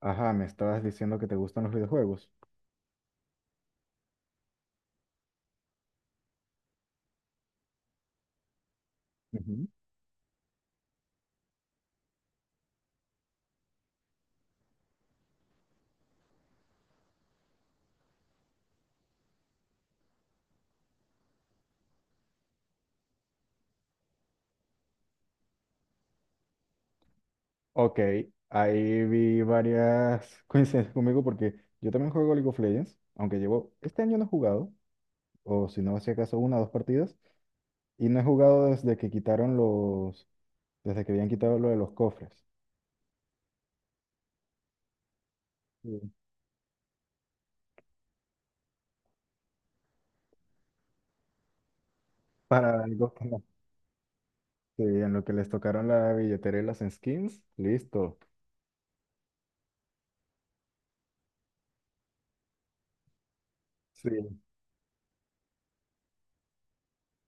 Ajá, me estabas diciendo que te gustan los videojuegos. Ujú. Ok, ahí vi varias coincidencias conmigo porque yo también juego League of Legends, aunque llevo, este año no he jugado, o si no, si acaso una o dos partidas, y no he jugado desde que quitaron los, desde que habían quitado lo de los cofres. Sí. Para algo que no- sí, en lo que les tocaron la billetera y las skins, listo. Sí.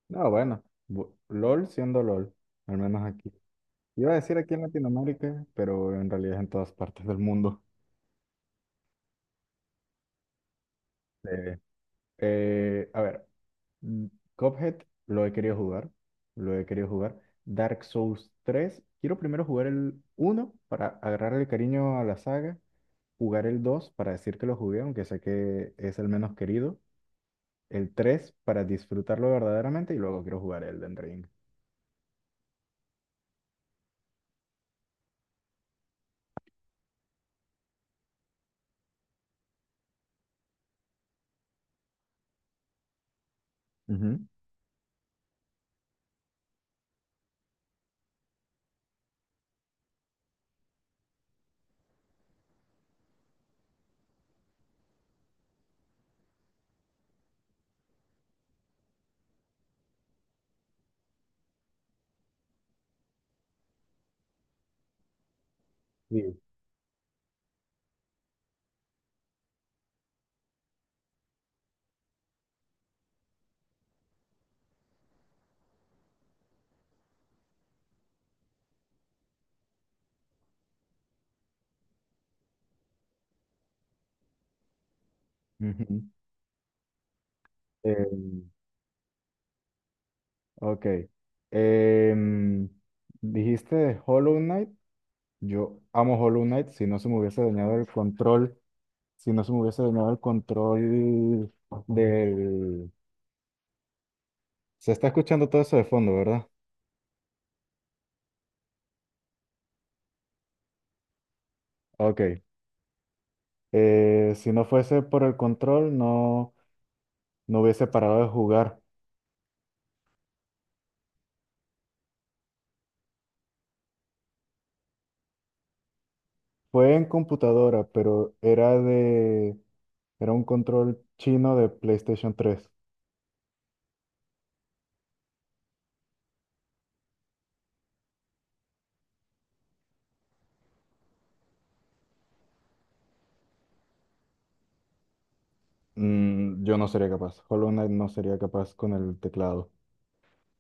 No, bueno, bu- LOL siendo LOL, al menos aquí. Iba a decir aquí en Latinoamérica, pero en realidad es en todas partes del mundo. Eh, a ver, mm, Cuphead lo he querido jugar, lo he querido jugar. Dark Souls 3, quiero primero jugar el uno para agarrarle cariño a la saga, jugar el 2 para decir que lo jugué, aunque sé que es el menos querido, el 3 para disfrutarlo verdaderamente y luego quiero jugar Elden Ring. Ujú. Sí. Ujú. Eh, Ok. Em, dijiste de Hollow Knight. Yo amo Hollow Knight. Si no se me hubiese dañado el control, si no se me hubiese dañado el control del... Se está escuchando todo eso de fondo, ¿verdad? Ok. Si no fuese por el control, no, no hubiese parado de jugar. Fue en computadora, pero era de... Era un control chino de PlayStation 3. Mm, yo no sería capaz. Hollow Knight no sería capaz con el teclado,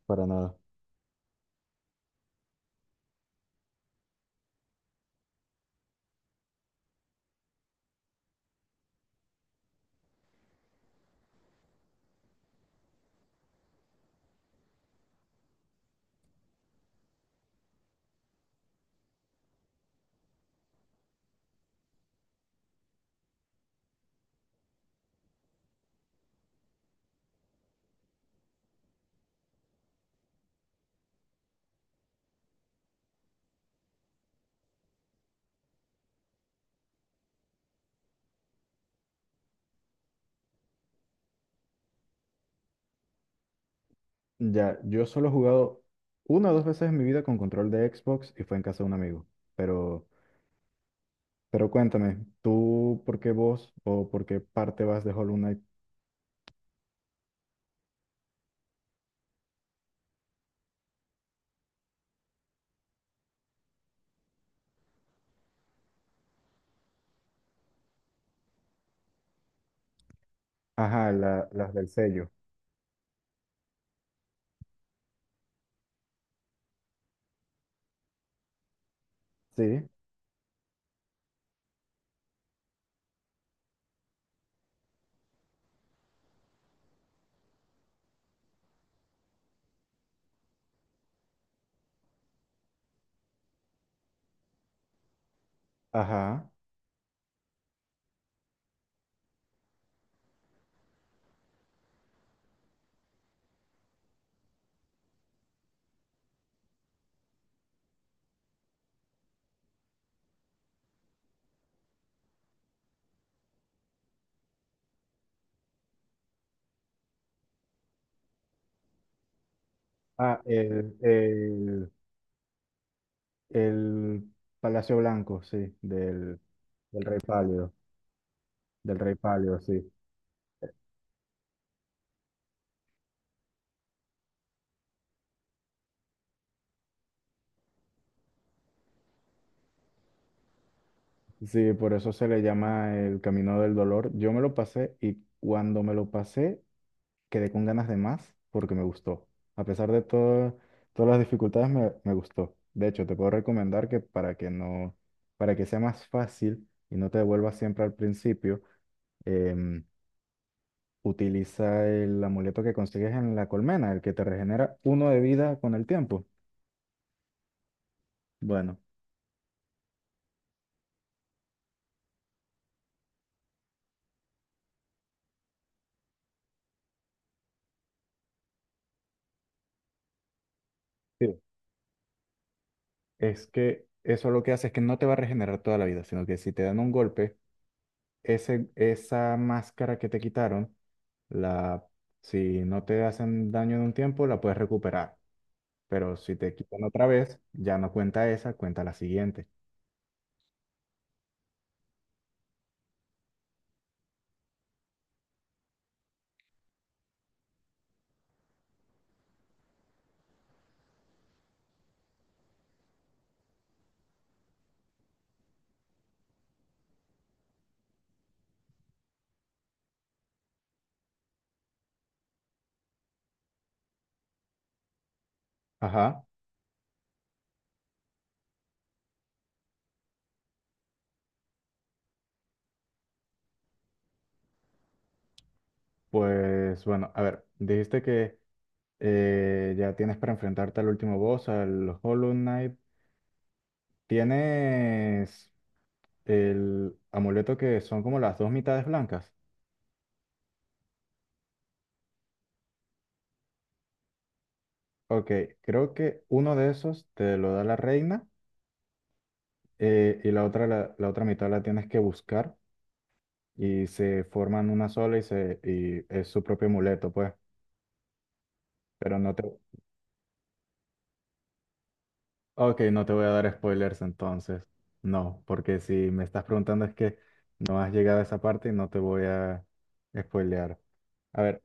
para nada. Ya, yo solo he jugado una o dos veces en mi vida con control de Xbox y fue en casa de un amigo. Pero, pero cuéntame, ¿tú por qué vos o por qué parte vas de Hollow Knight? Ajá, la- las del sello. Sí, ajá. Ah, el, el, el Palacio Blanco, sí, del Rey Pálido, del Rey Pálido, sí. Sí, por eso se le llama el Camino del Dolor. Yo me lo pasé y cuando me lo pasé quedé con ganas de más porque me gustó. A pesar de todo, todas las dificultades, me gustó. De hecho, te puedo recomendar que para que no, para que sea más fácil y no te devuelvas siempre al principio, em, utiliza el amuleto que consigues en la colmena, el que te regenera uno de vida con el tiempo. Bueno, sí, es que eso lo que hace es que no te va a regenerar toda la vida, sino que si te dan un golpe, esa máscara que te quitaron, la, si no te hacen daño en un tiempo, la puedes recuperar. Pero si te quitan otra vez, ya no cuenta esa, cuenta la siguiente. Ajá, pues bueno, a ver, dijiste que ya tienes para enfrentarte al último boss, al Hollow Knight. Tienes el amuleto que son como las dos mitades blancas. Ok, creo que uno de esos te lo da la reina y la otra, la otra mitad la tienes que buscar. Y se forman una sola y, se, y es su propio amuleto, pues. Pero no te... Ok, no te voy a dar spoilers entonces. No, porque si me estás preguntando es que no has llegado a esa parte y no te voy a spoilear. A ver.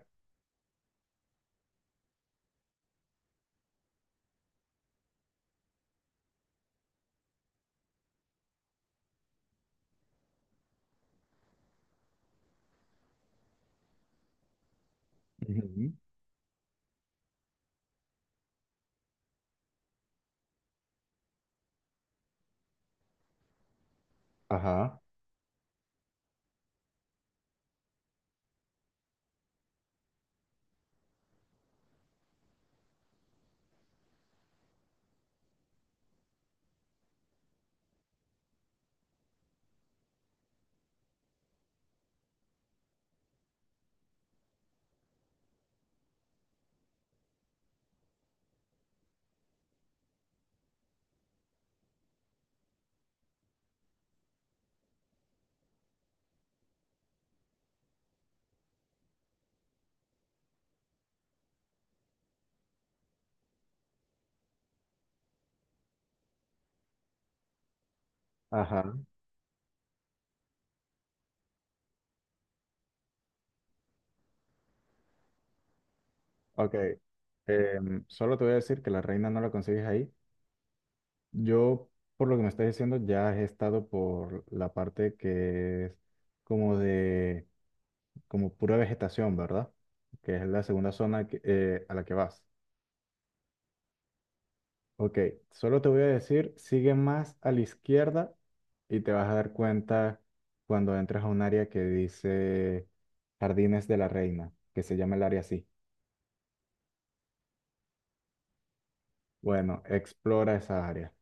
Ujú. Ajá, ajá. Ok. Solo te voy a decir que la reina no la consigues ahí. Yo, por lo que me estás diciendo, ya he estado por la parte que es como de como pura vegetación, ¿verdad? Que es la segunda zona que- a la que vas. Ok, solo te voy a decir, sigue más a la izquierda y te vas a dar cuenta cuando entras a un área que dice Jardines de la Reina, que se llama el área así. Bueno, explora esa área.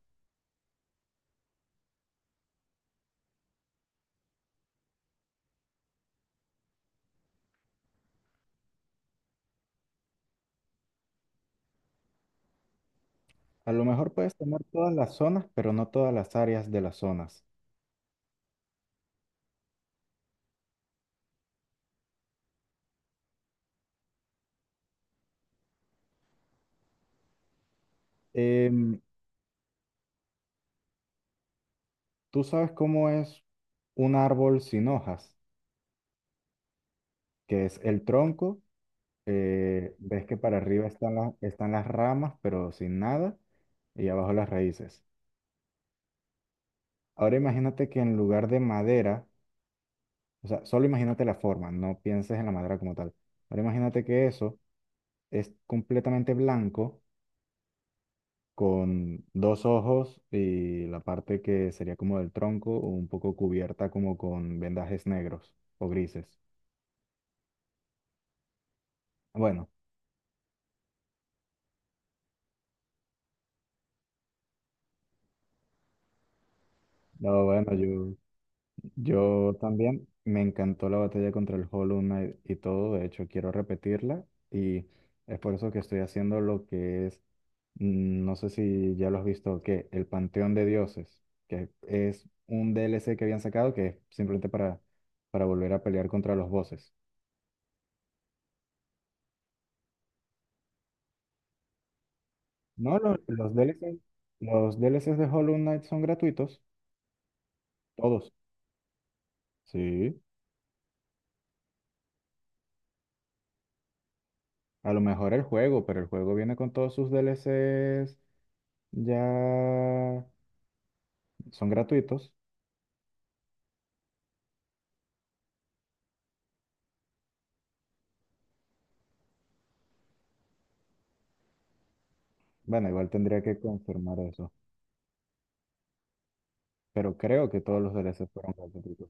A lo mejor puedes tomar todas las zonas, pero no todas las áreas de las zonas. Em, ¿Tú sabes cómo es un árbol sin hojas? Que es el tronco, ves que para arriba están las ramas, pero sin nada, y abajo las raíces. Ahora imagínate que en lugar de madera, o sea, solo imagínate la forma, no pienses en la madera como tal. Ahora imagínate que eso es completamente blanco, con dos ojos y la parte que sería como del tronco, o un poco cubierta como con vendajes negros o grises. Bueno, no, bueno, yo... Yo también me encantó la batalla contra el Hollow Knight y todo, de hecho quiero repetirla y es por eso que estoy haciendo lo que es, no sé si ya lo has visto, que el Panteón de Dioses, que es un DLC que habían sacado que es simplemente para volver a pelear contra los bosses. No, lo- los DLC, los DLCs de Hollow Knight son gratuitos, todos. Sí, a lo mejor el juego, pero el juego viene con todos sus DLCs ya son gratuitos. Bueno, igual tendría que confirmar eso. Pero creo que todos los DLC fueron gratuitos.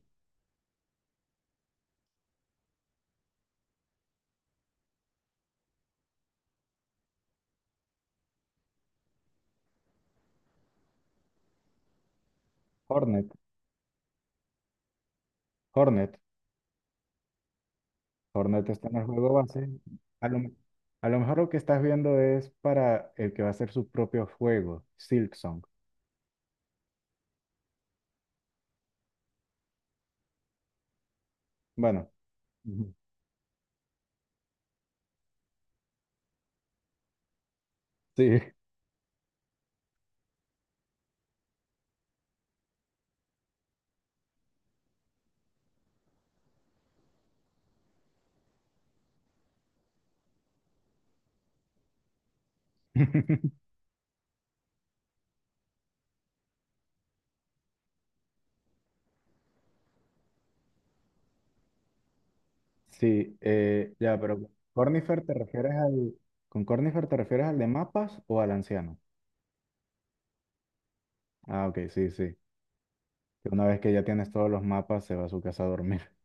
Hornet, Hornet, Hornet está en el juego base. A lo, a lo mejor lo que estás viendo es para el que va a hacer su propio juego, Silksong. Bueno, ujú, sí, sí, ya, pero con Cornifer te refieres al, ¿con Cornifer te refieres al de mapas o al anciano? Ah, ok, sí, sí. Que una vez que ya tienes todos los mapas, se va a su casa a dormir.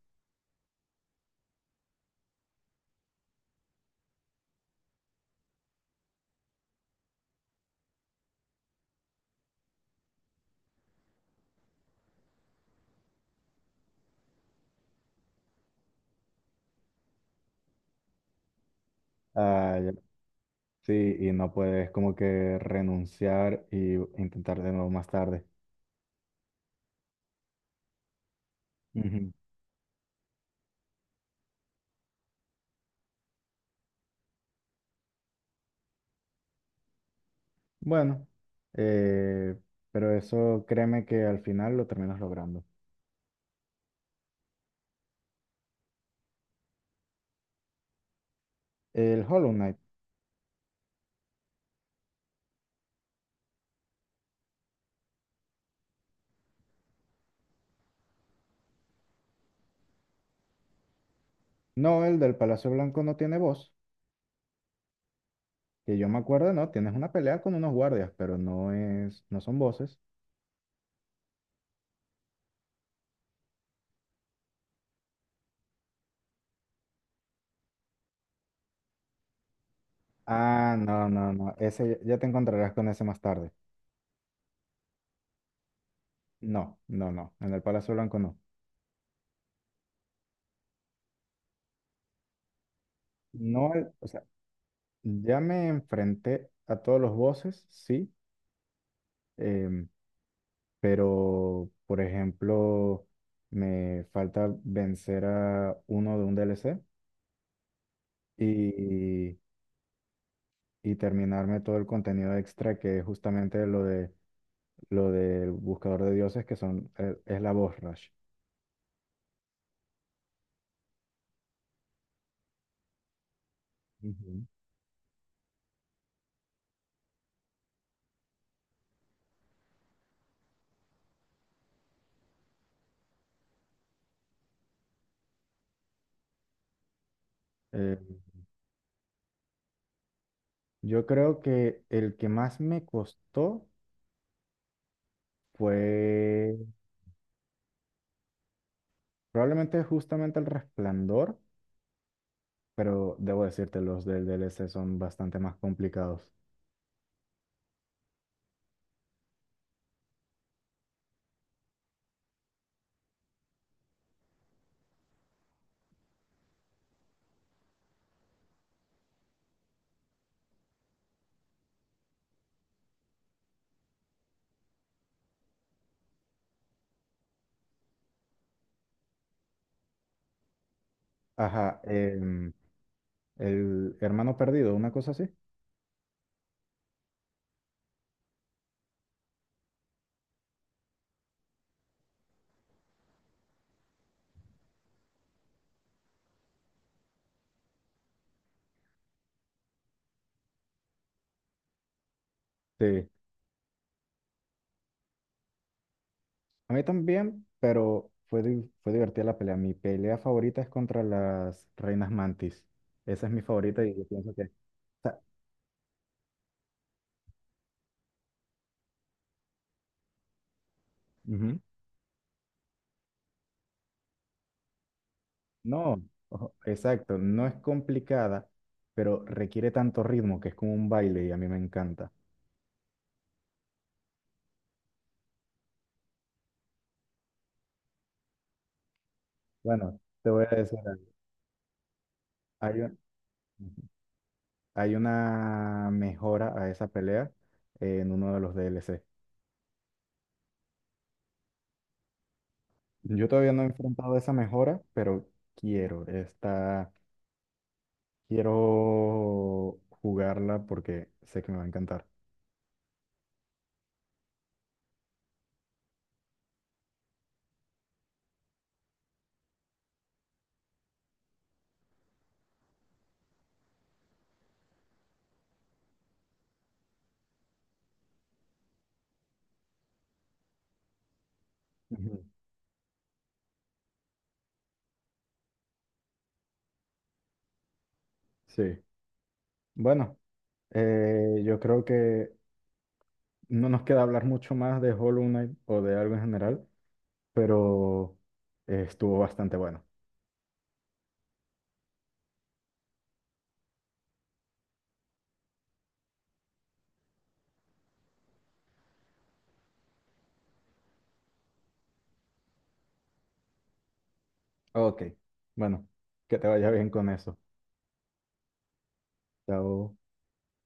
Ah, sí, y no puedes como que renunciar y intentar de nuevo más tarde. Ujú. Bueno, eh, pero eso créeme que al final lo terminas logrando. El Hollow Knight, no, el del Palacio Blanco no tiene voz. Que yo me acuerdo, no, tienes una pelea con unos guardias, pero no es, no son voces. Ah, no, no, no, ese ya te encontrarás con ese más tarde. No, no, no, en el Palacio Blanco no. No, el- o sea, ya me enfrenté a todos los bosses, sí. em, pero por ejemplo, me falta vencer a uno de un DLC y, y terminarme todo el contenido extra que es justamente lo de lo del buscador de dioses que son, es la voz rush. Ujú. Eh, yo creo que el que más me costó fue probablemente justamente el Resplandor, pero debo decirte, los del DLC son bastante más complicados. Ajá, el hermano perdido, una cosa así. Sí. A mí también, pero fue, di- fue divertida la pelea. Mi pelea favorita es contra las reinas mantis. Esa es mi favorita y yo pienso que... o sea, ujú. No, ojo, exacto. No es complicada, pero requiere tanto ritmo que es como un baile y a mí me encanta. Bueno, te voy a decir algo. Hay, un- hay una mejora a esa pelea en uno de los DLC. Yo todavía no he enfrentado esa mejora, pero quiero. Está Quiero jugarla porque sé que me va a encantar. Ujú. Sí. Bueno, yo creo que no nos queda hablar mucho más de Hollow Knight o de algo en general, pero estuvo bastante bueno. Ok. Bueno, que te vaya bien con eso. Chao.